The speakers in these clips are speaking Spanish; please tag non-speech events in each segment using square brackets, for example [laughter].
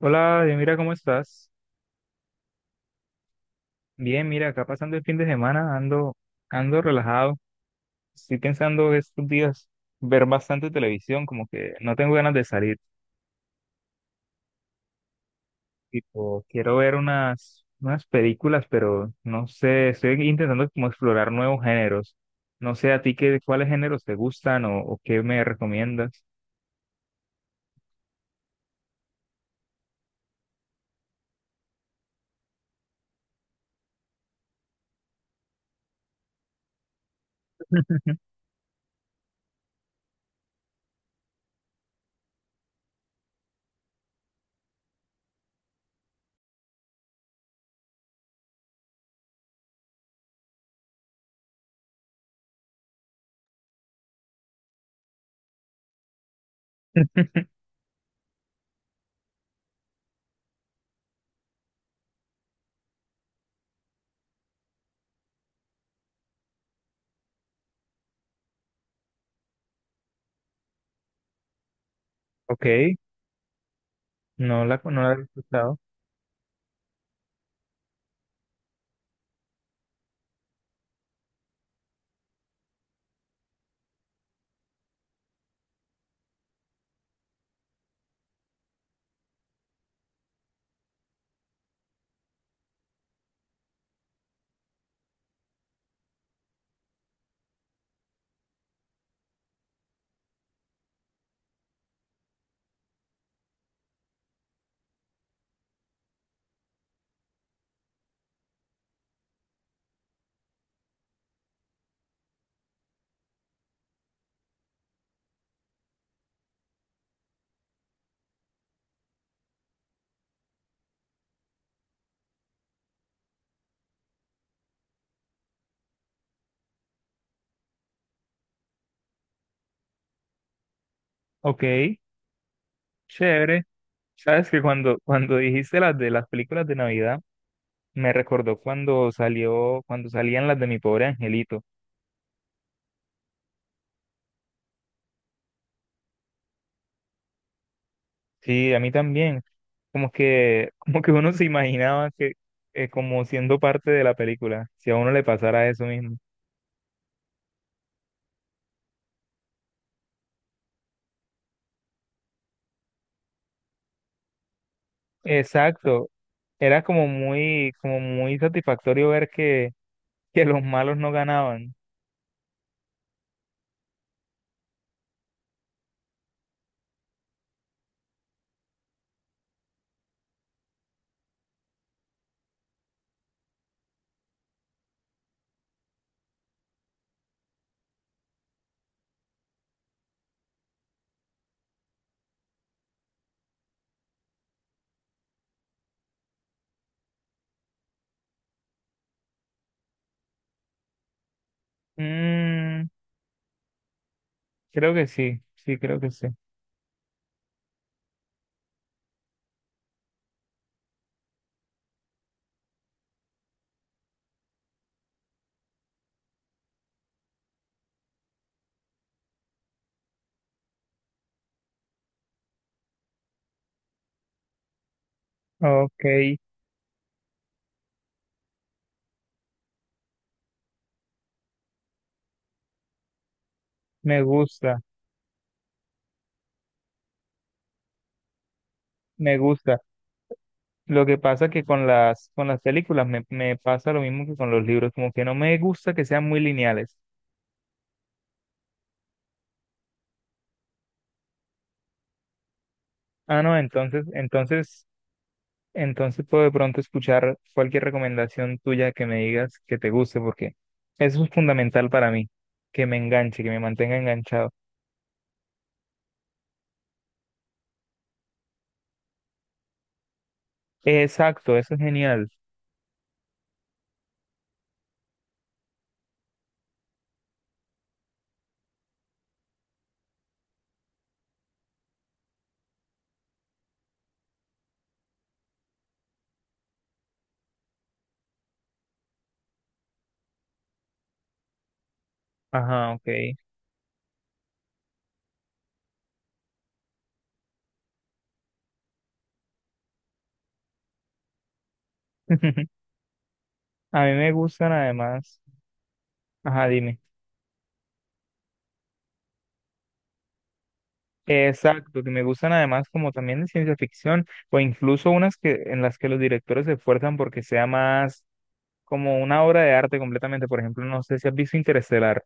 Hola, Dios, mira, ¿cómo estás? Bien, mira, acá pasando el fin de semana, ando relajado. Estoy pensando estos días ver bastante televisión, como que no tengo ganas de salir. Tipo, quiero ver unas películas, pero no sé, estoy intentando como explorar nuevos géneros. No sé a ti qué, cuáles géneros te gustan o qué me recomiendas. Ok, no la he escuchado. Ok, chévere. Sabes que cuando dijiste las de las películas de Navidad, me recordó cuando salió, cuando salían las de Mi Pobre Angelito. Sí, a mí también. Como que, [laughs] como que uno se imaginaba que, como siendo parte de la película, si a uno le pasara eso mismo. Exacto. Era como muy satisfactorio ver que los malos no ganaban. Mm, creo que sí, sí, creo que sí. Ok, me gusta, me gusta. Lo que pasa que con las películas me, me pasa lo mismo que con los libros, como que no me gusta que sean muy lineales. Ah, no, entonces puedo de pronto escuchar cualquier recomendación tuya que me digas que te guste, porque eso es fundamental para mí, que me enganche, que me mantenga enganchado. Exacto, eso es genial. Ajá, ok. [laughs] A mí me gustan además. Ajá, dime. Exacto, que me gustan además como también de ciencia ficción o incluso unas que en las que los directores se esfuerzan porque sea más como una obra de arte completamente. Por ejemplo, no sé si has visto Interestelar.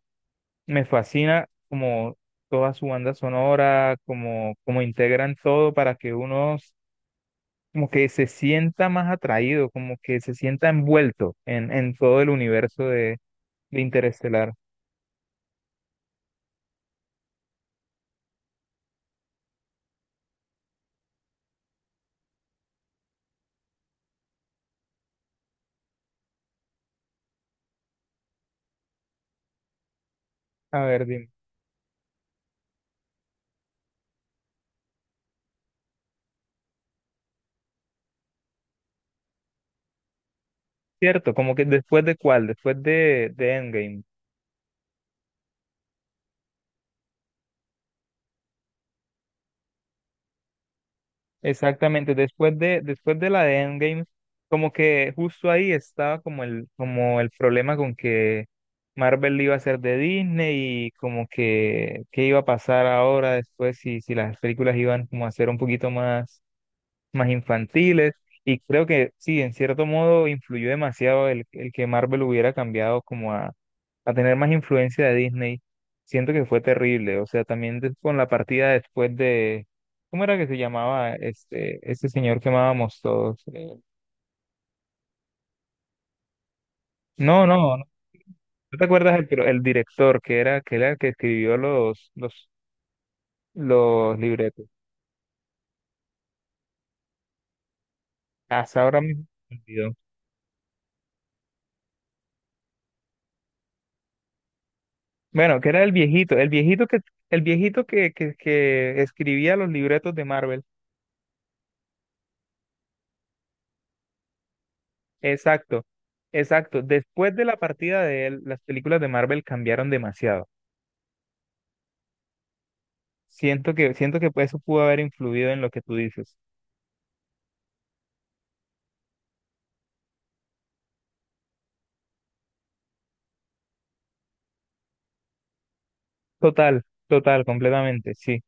Me fascina como toda su banda sonora, como como integran todo para que uno como que se sienta más atraído, como que se sienta envuelto en todo el universo de Interestelar. A ver, dime. Cierto, como que después de cuál, después de Endgame. Exactamente, después de la de Endgame, como que justo ahí estaba como el problema con que Marvel iba a ser de Disney y como que qué iba a pasar ahora después si, si las películas iban como a ser un poquito más más infantiles, y creo que sí, en cierto modo influyó demasiado el que Marvel hubiera cambiado como a tener más influencia de Disney. Siento que fue terrible, o sea, también des- con la partida después de, ¿cómo era que se llamaba este, este señor que amábamos todos? No, no, no, ¿No te acuerdas el, pro- el director que era el que escribió los libretos? Hasta ahora mismo. Me olvidó. Bueno, que era el viejito que, el viejito que escribía los libretos de Marvel. Exacto, exacto. Después de la partida de él, las películas de Marvel cambiaron demasiado. Siento que pues, eso pudo haber influido en lo que tú dices. Total, total, completamente, sí.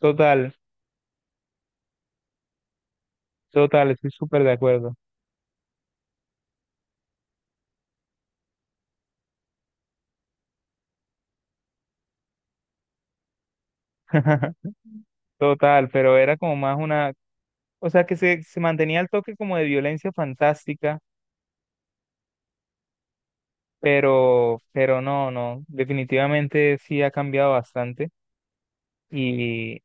Total, total, estoy súper de acuerdo. [laughs] Total, pero era como más una, o sea que se mantenía el toque como de violencia fantástica, pero no, no, definitivamente sí ha cambiado bastante Y,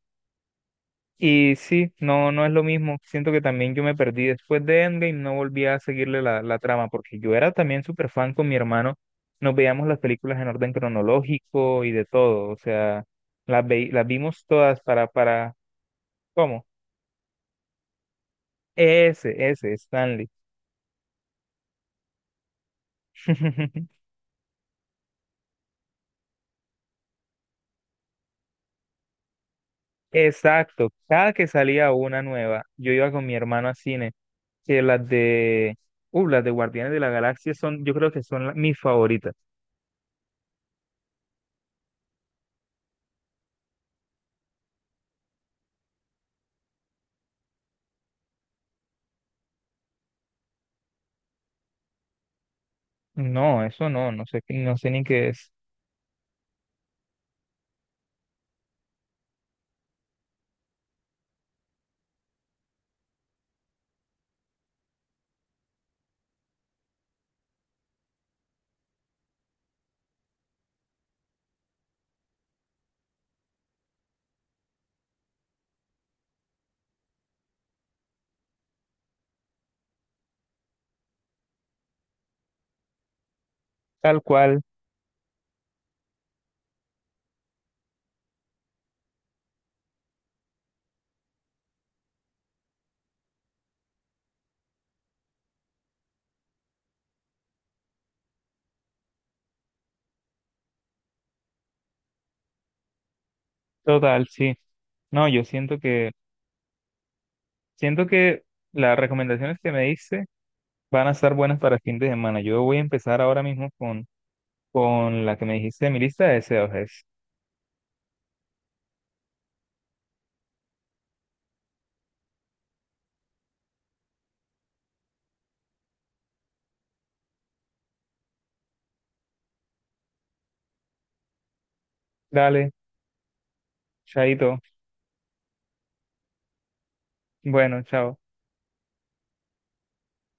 y sí, no, no es lo mismo. Siento que también yo me perdí después de Endgame, no volví a seguirle la, la trama, porque yo era también súper fan con mi hermano. Nos veíamos las películas en orden cronológico y de todo. O sea, las, ve- las vimos todas para, ¿cómo? Ese, Stanley. [laughs] Exacto. Cada que salía una nueva, yo iba con mi hermano a cine, que las de Guardianes de la Galaxia son, yo creo que son la- mis favoritas. No, eso no, no sé, qué- no sé ni qué es. Tal cual, total, sí. No, yo siento que las recomendaciones que me diste van a estar buenas para el fin de semana. Yo voy a empezar ahora mismo con la que me dijiste de mi lista de deseos. Es, dale, chaito. Bueno, chao.